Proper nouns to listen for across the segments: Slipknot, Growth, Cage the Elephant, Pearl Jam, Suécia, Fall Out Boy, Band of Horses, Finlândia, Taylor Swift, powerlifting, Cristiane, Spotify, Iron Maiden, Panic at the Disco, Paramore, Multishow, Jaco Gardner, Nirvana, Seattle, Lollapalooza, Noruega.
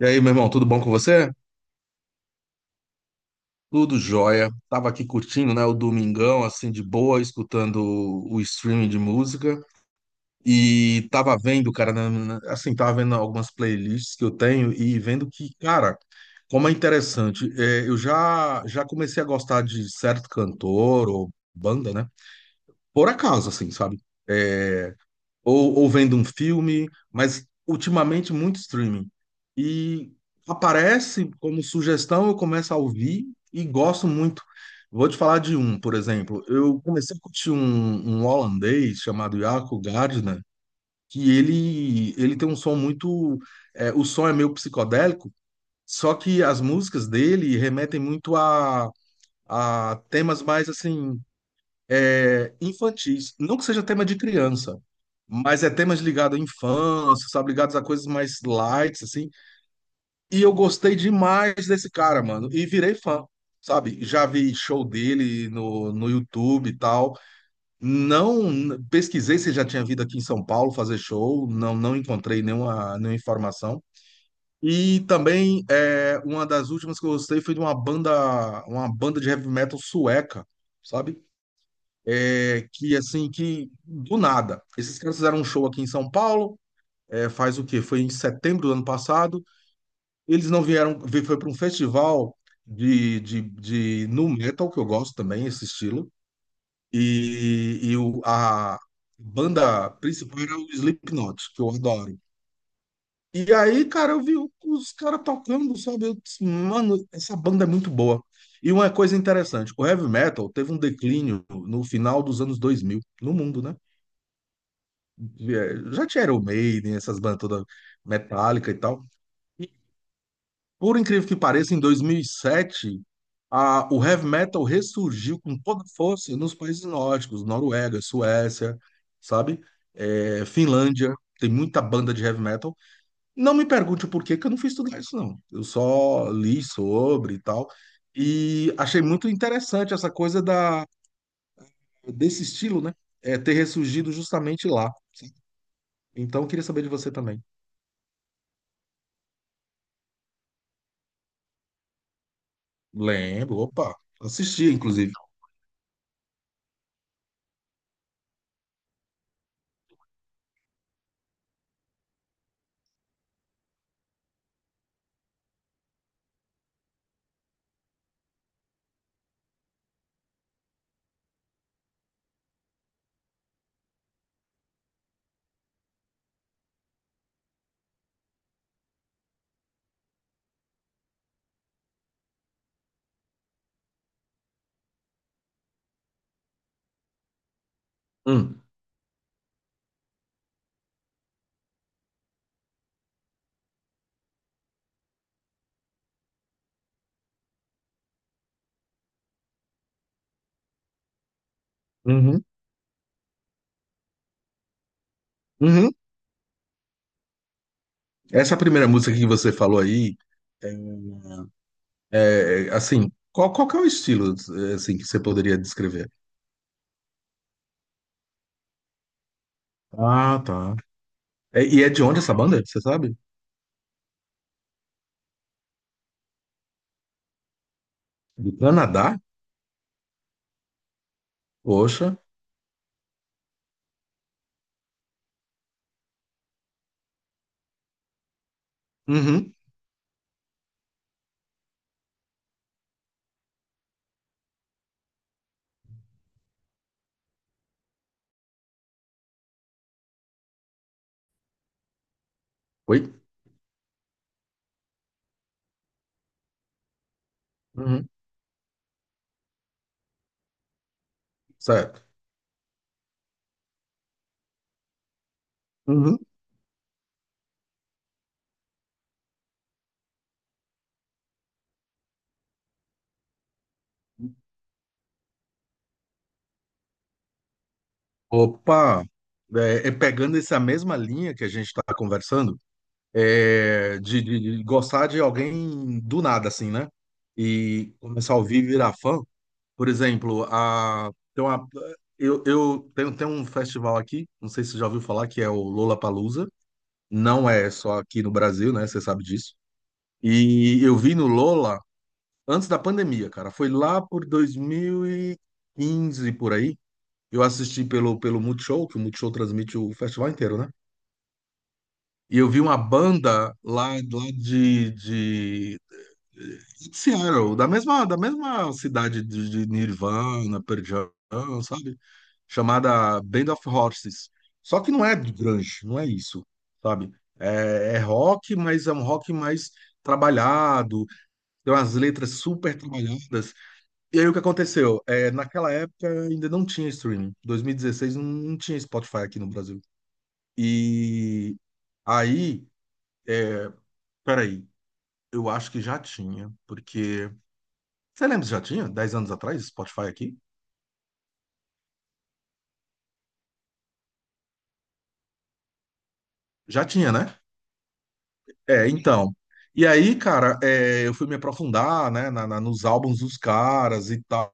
E aí, meu irmão, tudo bom com você? Tudo jóia. Tava aqui curtindo, né, o domingão, assim, de boa, escutando o streaming de música. E tava vendo, cara, assim, tava vendo algumas playlists que eu tenho e vendo que, cara, como é interessante. Eu já comecei a gostar de certo cantor ou banda, né? Por acaso, assim, sabe? É, ou vendo um filme, mas ultimamente muito streaming. E aparece como sugestão, eu começo a ouvir e gosto muito. Vou te falar de um, por exemplo. Eu comecei a curtir um holandês chamado Jaco Gardner, que ele tem um som muito. O som é meio psicodélico, só que as músicas dele remetem muito a temas mais assim infantis. Não que seja tema de criança, mas é temas ligados à infância, sabe? Ligados a coisas mais light, assim. E eu gostei demais desse cara, mano. E virei fã, sabe? Já vi show dele no YouTube e tal. Não pesquisei se já tinha vindo aqui em São Paulo fazer show. Não, não encontrei nenhuma informação. E também uma das últimas que eu gostei foi de uma banda de heavy metal sueca, sabe? Que assim, que do nada. Esses caras fizeram um show aqui em São Paulo, é, faz o quê? Foi em setembro do ano passado. Eles não vieram, foi para um festival de nu metal, que eu gosto também, esse estilo. E a banda principal era o Slipknot, que eu adoro. E aí, cara, eu vi os caras tocando, sabe? Eu disse, mano, essa banda é muito boa. E uma coisa interessante, o heavy metal teve um declínio no final dos anos 2000 no mundo, né? Já tinha Iron Maiden, essas bandas todas metálica e tal. E por incrível que pareça, em 2007, o heavy metal ressurgiu com toda força nos países nórdicos, Noruega, Suécia, sabe? É, Finlândia, tem muita banda de heavy metal. Não me pergunte o porquê, que eu não fui estudar isso, não. Eu só li sobre e tal. E achei muito interessante essa coisa da, desse estilo, né? É, ter ressurgido justamente lá. Então, eu queria saber de você também. Lembro, opa, assisti, inclusive. Hum. Uhum. Uhum. Essa primeira música que você falou aí, é, é, assim, qual, qual que é o estilo, é, assim, que você poderia descrever? Ah, tá. É, e é de onde essa banda, você sabe? Do Canadá? Poxa. Uhum. Oi? Uhum. Certo. Uhum. Opa! É, é pegando essa mesma linha que a gente está conversando, é, de, de gostar de alguém do nada, assim, né? E começar a ouvir, virar fã. Por exemplo, a, tem uma, eu tenho, tem um festival aqui, não sei se você já ouviu falar, que é o Lollapalooza. Não é só aqui no Brasil, né? Você sabe disso. E eu vi no Lola antes da pandemia, cara. Foi lá por 2015, por aí. Eu assisti pelo Multishow, que o Multishow transmite o festival inteiro, né? E eu vi uma banda lá, lá de Seattle, da mesma cidade de Nirvana, Pearl Jam, sabe? Chamada Band of Horses. Só que não é grunge, não é isso, sabe? É, é rock, mas é um rock mais trabalhado, tem umas letras super trabalhadas. E aí o que aconteceu? É, naquela época ainda não tinha streaming. 2016 não, não tinha Spotify aqui no Brasil. E aí, é, peraí, eu acho que já tinha, porque. Você lembra se já tinha? 10 anos atrás, Spotify aqui? Já tinha, né? É, então. E aí, cara, é, eu fui me aprofundar, né, na, nos álbuns dos caras e tal.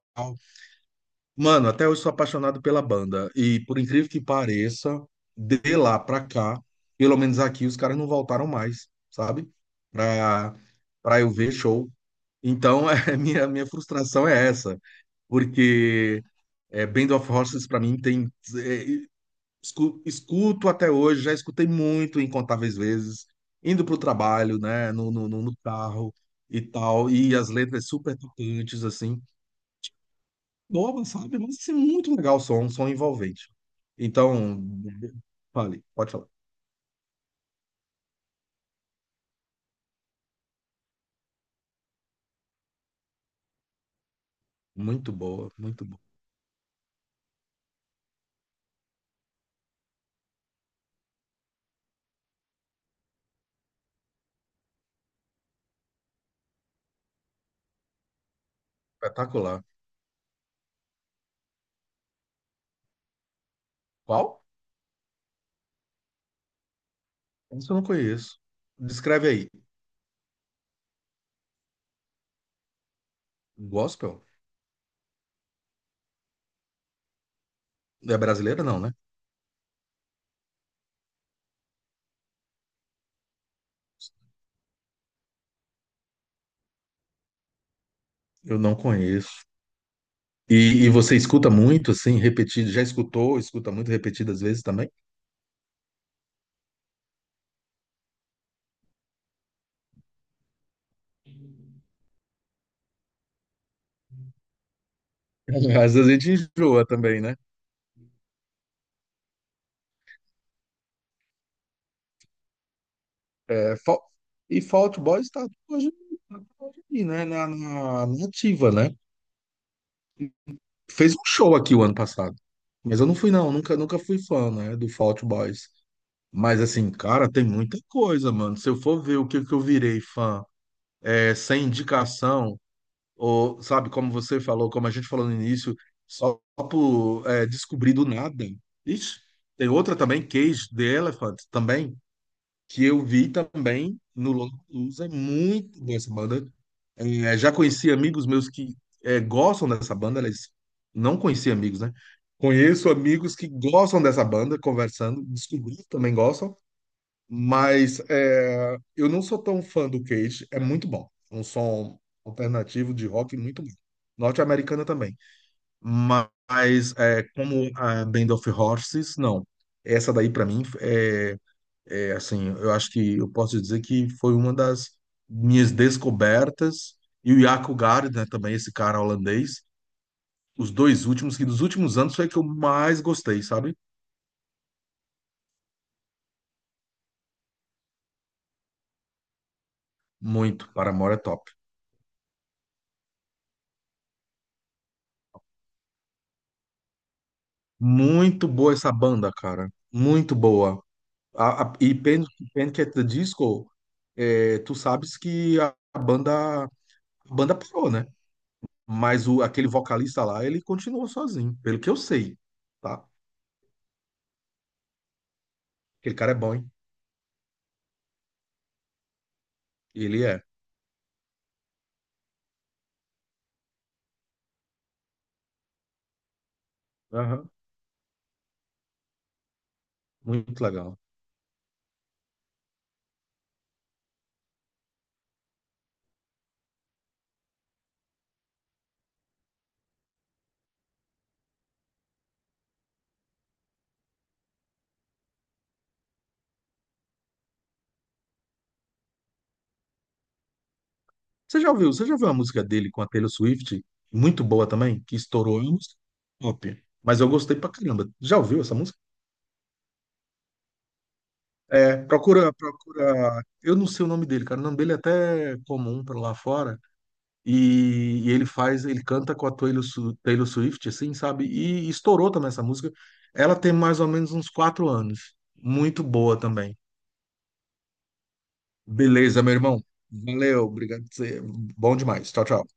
Mano, até hoje sou apaixonado pela banda. E por incrível que pareça, de lá pra cá, pelo menos aqui, os caras não voltaram mais, sabe? Pra, pra eu ver show. Então, é, minha frustração é essa. Porque é, Band of Horses, pra mim, tem. É, escuto até hoje, já escutei muito, incontáveis vezes, indo para o trabalho, né, no carro e tal, e as letras super tocantes, assim, nova sabe? Mas assim, muito legal o som, um som envolvente. Então, fale, pode falar. Muito boa, muito boa. Espetacular. Qual? Isso eu não conheço. Descreve aí. Gospel? É brasileira, não, né? Eu não conheço. E você escuta muito, assim, repetido? Já escutou? Escuta muito repetidas vezes também? Às vezes a gente enjoa também, né? É, e Fall Out Boy está até hoje aí, né? Na ativa, né? Fez um show aqui o ano passado. Mas eu não fui, não. Nunca, nunca fui fã, né? Do Fall Out Boys. Mas, assim, cara, tem muita coisa, mano. Se eu for ver o que, que eu virei fã é, sem indicação, ou, sabe, como você falou, como a gente falou no início, só por é, descobrir do nada. Ixi, tem outra também, Cage the Elephant, também. Que eu vi também no Lollapalooza, é muito boa essa banda. É, já conheci amigos meus que é, gostam dessa banda, eles não conheci amigos, né? Conheço amigos que gostam dessa banda, conversando, descobri que também gostam, mas é, eu não sou tão fã do Cage, é muito bom. É um som alternativo de rock muito bom. Norte-americana também. Mas é, como a Band of Horses, não. Essa daí, pra mim, é é, assim, eu acho que eu posso dizer que foi uma das minhas descobertas. E o Jaco Gard, né, também esse cara holandês, os dois últimos, que dos últimos anos foi que eu mais gostei, sabe? Muito, Paramore é top. Muito boa essa banda, cara. Muito boa. A, Panic at the Disco, é, tu sabes que a, a banda parou, né? Mas o, aquele vocalista lá, ele continuou sozinho, pelo que eu sei, tá? Aquele cara é bom, hein? Ele é. Muito legal. Você já ouviu? Você já ouviu a música dele com a Taylor Swift? Muito boa também, que estourou. É uma música top. Mas eu gostei pra caramba. Já ouviu essa música? É, procura, procura. Eu não sei o nome dele, cara. O nome dele é até comum pra lá fora. E ele faz, ele canta com a Taylor, Taylor Swift, assim, sabe? E, estourou também essa música. Ela tem mais ou menos uns 4 anos. Muito boa também. Beleza, meu irmão. Valeu, obrigado. Por você. Bom demais. Tchau, tchau.